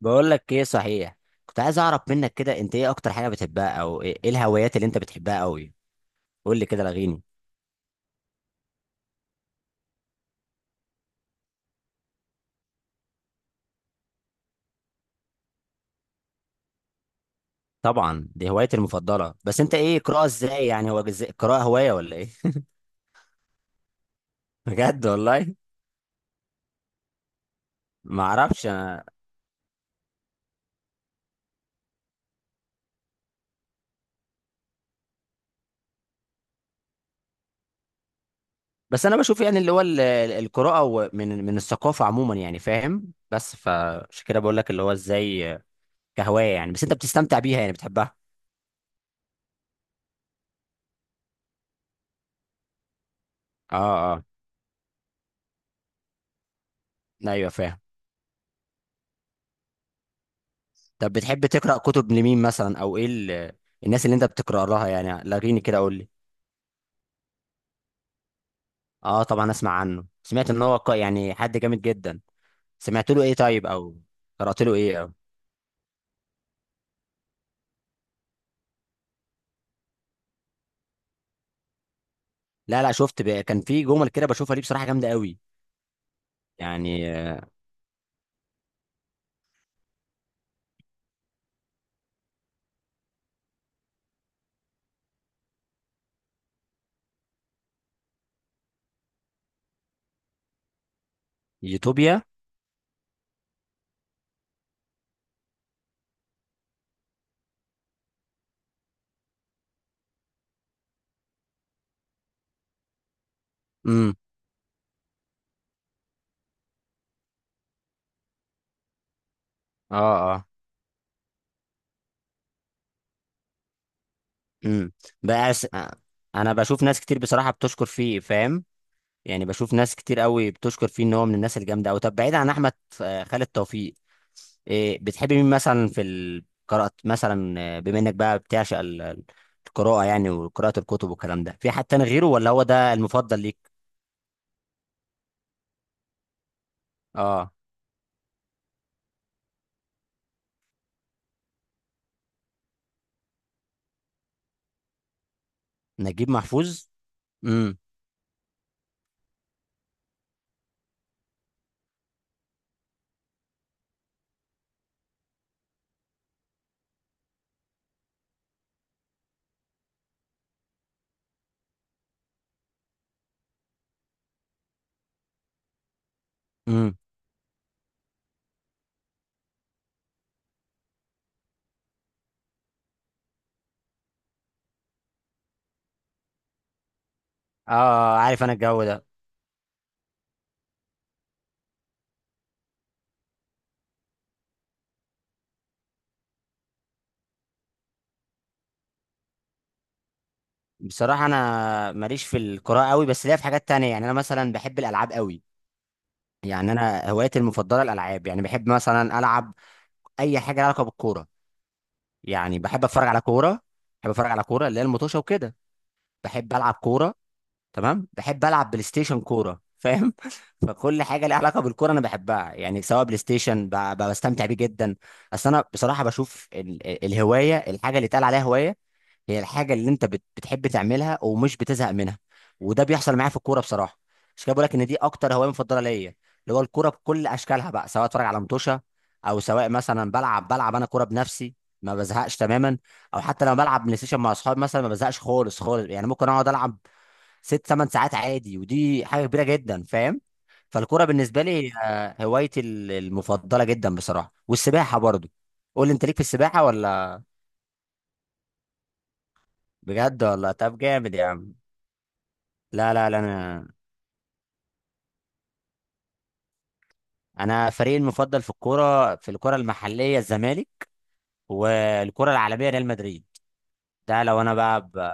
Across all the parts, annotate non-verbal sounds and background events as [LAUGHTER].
بقول لك ايه صحيح. كنت عايز اعرف منك كده، انت ايه اكتر حاجه بتحبها، او إيه الهوايات اللي انت بتحبها قوي؟ قول لي كده، لغيني. طبعا دي هوايتي المفضله. بس انت ايه، قراءه ازاي؟ يعني هو قراءه هوايه ولا ايه؟ [LAUGHS] بجد والله. ما اعرفش انا. بس انا بشوف يعني اللي هو القراءه من الثقافه عموما، يعني فاهم؟ بس فعشان كده بقول لك، اللي هو ازاي كهوايه يعني. بس انت بتستمتع بيها يعني، بتحبها؟ اه اه. ايوه فاهم. طب بتحب تقرا كتب لمين مثلا، او ايه الناس اللي انت بتقرا لها؟ يعني لغيني كده، قول لي. اه طبعا، اسمع عنه، سمعت ان هو يعني حد جامد جدا. سمعت له ايه طيب، او. قرات له ايه، او. لا لا، شفت. كان في جمل كده بشوفها ليه، بصراحه جامده قوي. يعني يوتوبيا. امم. اه اه. امم. بس انا بشوف ناس كتير بصراحه بتشكر فيه، فاهم؟ يعني بشوف ناس كتير قوي بتشكر فيه ان هو من الناس الجامده قوي. طب بعيد عن احمد خالد توفيق، إيه بتحب مين مثلا في القراءة؟ مثلا بما انك بقى بتعشق القراءة يعني وقراءة الكتب والكلام ده، في حد تاني غيره، ولا هو ده المفضل ليك؟ اه، نجيب محفوظ. امم. امم. اه، عارف انا الجو ده. بصراحة انا ماليش في القراءة قوي، بس ليا في حاجات تانية. يعني انا مثلا بحب الالعاب قوي. يعني انا هوايتي المفضلة الالعاب. يعني بحب مثلا العب اي حاجة لها علاقة بالكورة. يعني بحب اتفرج على كوره. بحب اتفرج على كوره، اللي هي المطوشه وكده. بحب العب كوره. تمام، بحب العب بلاي ستيشن كوره، فاهم؟ [LAUGHS] فكل حاجه ليها علاقه بالكوره انا بحبها، يعني سواء بلاي ستيشن بستمتع بيه جدا. اصل انا بصراحه بشوف الهوايه، الحاجه اللي اتقال عليها هوايه هي الحاجه اللي انت بتحب تعملها ومش بتزهق منها. وده بيحصل معايا في الكوره بصراحه. مش كده بقول لك ان دي اكتر هوايه مفضله ليا، اللي هو الكوره بكل اشكالها بقى، سواء اتفرج على متوشه، او سواء مثلا بلعب انا كوره بنفسي. ما بزهقش تماما، او حتى لما بلعب بلاي ستيشن مع اصحابي مثلا، ما بزهقش خالص خالص يعني. ممكن اقعد العب 6-8 ساعات عادي، ودي حاجه كبيره جدا، فاهم؟ فالكوره بالنسبه لي هي هوايتي المفضله جدا بصراحه، والسباحه برضو. قول لي انت، ليك في السباحه ولا؟ بجد ولا؟ طب جامد يا عم. لا لا لا، انا انا فريقي المفضل في الكوره المحليه الزمالك، والكوره العالميه ريال مدريد. ده لو انا بقى.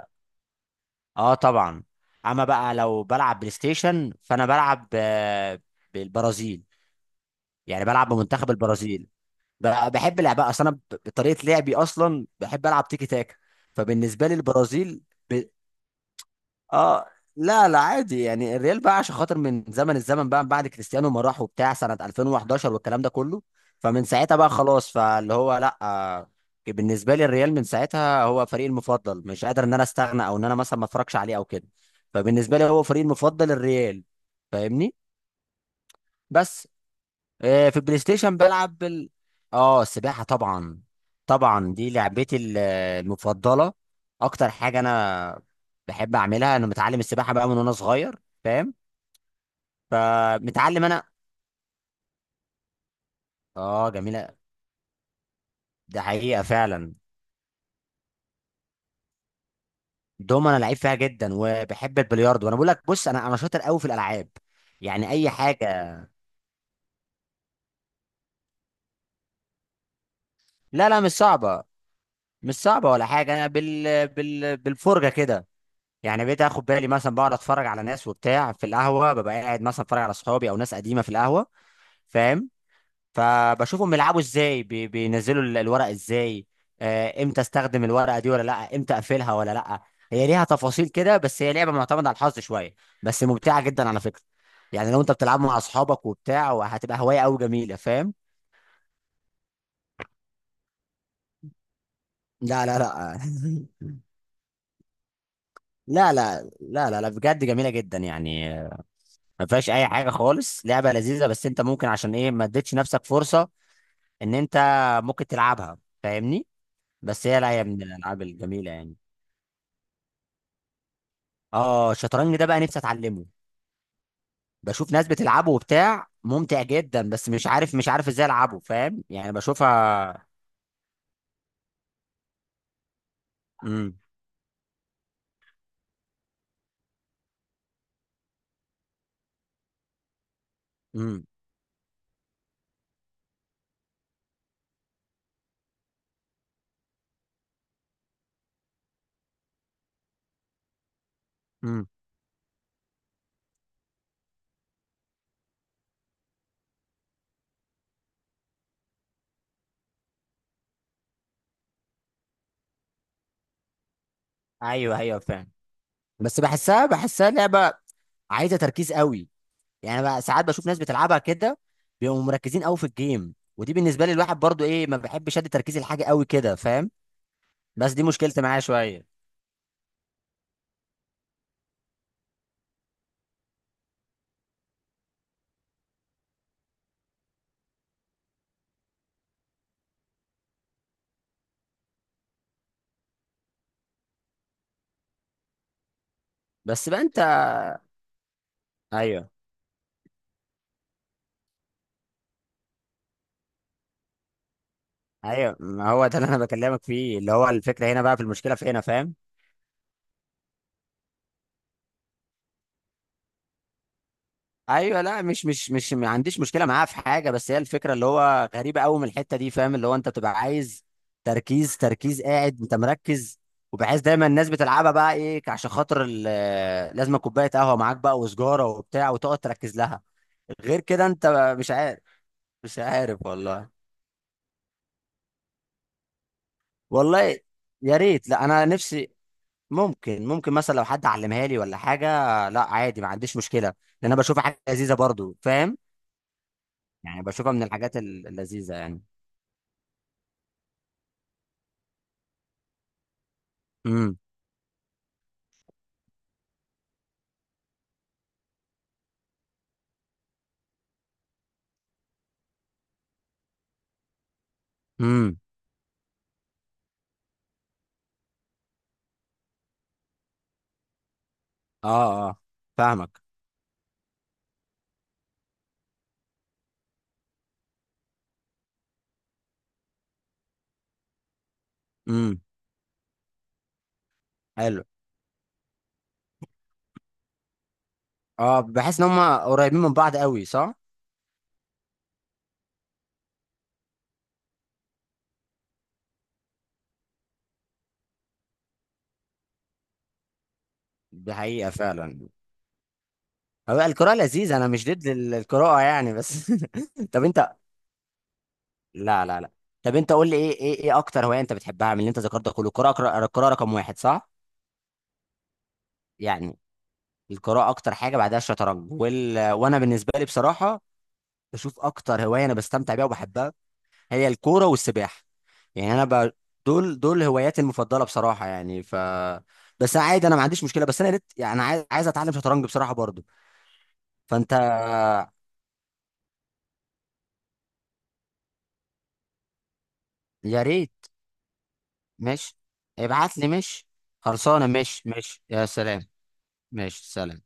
اه طبعا. اما بقى لو بلعب بلاي ستيشن فانا بلعب بالبرازيل. يعني بلعب بمنتخب البرازيل. بحب لعبها اصلا انا، بطريقه لعبي اصلا بحب العب تيكي تاكا، فبالنسبه لي البرازيل. ب... اه. لا لا، عادي يعني. الريال بقى عشان خاطر من زمن الزمن بقى، بعد كريستيانو ما راح وبتاع سنه 2011 والكلام ده كله، فمن ساعتها بقى خلاص. فاللي هو لا بالنسبه لي الريال من ساعتها هو فريقي المفضل. مش قادر ان انا استغنى، او ان انا مثلا ما اتفرجش عليه او كده. فبالنسبه لي هو فريقي المفضل، الريال. فاهمني؟ بس في البلاي ستيشن بلعب اه، السباحة طبعا. طبعا دي لعبتي المفضلة، اكتر حاجة انا بحب اعملها. انا متعلم السباحة بقى من وانا صغير، فاهم؟ فمتعلم انا. اه جميلة. ده حقيقة فعلا. دوم انا لعيب فيها جدا، وبحب البلياردو. وانا بقول لك، بص، انا شاطر قوي في الالعاب. يعني اي حاجة. لا لا، مش صعبة. مش صعبة ولا حاجة. انا بالفرجة كده. يعني بقيت اخد بالي مثلا، بقعد اتفرج على ناس وبتاع في القهوه، ببقى قاعد مثلا اتفرج على صحابي او ناس قديمه في القهوه، فاهم؟ فبشوفهم بيلعبوا ازاي، بينزلوا الورق ازاي، امتى استخدم الورقه دي ولا لا، امتى اقفلها ولا لا. هي ليها تفاصيل كده، بس هي لعبه معتمده على الحظ شويه، بس ممتعه جدا على فكره. يعني لو انت بتلعب مع اصحابك وبتاع، وهتبقى هوايه قوي جميله، فاهم؟ لا لا لا [LAUGHS] لا لا لا لا لا، بجد جميله جدا يعني. ما فيهاش اي حاجه خالص، لعبه لذيذه. بس انت ممكن عشان ايه ما اديتش نفسك فرصه ان انت ممكن تلعبها، فاهمني؟ بس هي، لا، هي من الالعاب الجميله يعني. اه، الشطرنج ده بقى نفسي اتعلمه. بشوف ناس بتلعبه وبتاع، ممتع جدا، بس مش عارف ازاي العبه، فاهم؟ يعني بشوفها. امم. امم. امم. ايوه ايوه فاهم. بس بحسها لعبه عايزه تركيز قوي. يعني بقى ساعات بشوف ناس بتلعبها كده بيبقوا مركزين قوي في الجيم، ودي بالنسبه لي، الواحد برضو ايه، ما بحبش ادي تركيزي لحاجه قوي كده، فاهم؟ بس دي مشكلتي معاه شويه. بس بقى انت. ايوه ايوه، ما هو ده اللي انا بكلمك فيه، اللي هو الفكره هنا بقى، في المشكله في هنا، فاهم؟ ايوه، لا، مش ما عنديش مشكله معاه في حاجه، بس هي الفكره اللي هو غريبه قوي من الحته دي، فاهم؟ اللي هو انت بتبقى عايز تركيز تركيز، قاعد انت مركز، وبحيث دايما الناس بتلعبها بقى ايه عشان خاطر لازم كوبايه قهوه معاك بقى، وسجاره وبتاع، وتقعد تركز لها. غير كده انت مش عارف. مش عارف والله. والله يا ريت، لا انا نفسي. ممكن مثلا لو حد علمها لي ولا حاجه. لا عادي، ما عنديش مشكله، لان انا بشوفها حاجه لذيذه برضو، فاهم؟ يعني بشوفها من الحاجات اللذيذه يعني. امم. امم. اه اه، فاهمك. امم. حلو. اه، بحس ان هم قريبين من بعض قوي، صح؟ دي حقيقه فعلا. هو القراءه لذيذه، انا مش ضد القراءه يعني، بس. [LAUGHS] طب انت. لا لا لا. طب انت قول لي ايه اكتر هوايه انت بتحبها من اللي انت ذكرتها كله؟ القراءه، القراءه رقم واحد، صح؟ يعني القراءة أكتر حاجة، بعدها الشطرنج. وأنا بالنسبة لي بصراحة بشوف أكتر هواية أنا بستمتع بيها وبحبها هي الكورة والسباحة. يعني دول هواياتي المفضلة بصراحة يعني، ف. بس عادي، أنا ما عنديش مشكلة. بس أنا يعني أنا عايز أتعلم شطرنج بصراحة برضو، فأنت. يا ريت. ماشي ابعت لي. ماشي، خلصانة. ماشي ماشي يا سلام. ماشي سلام.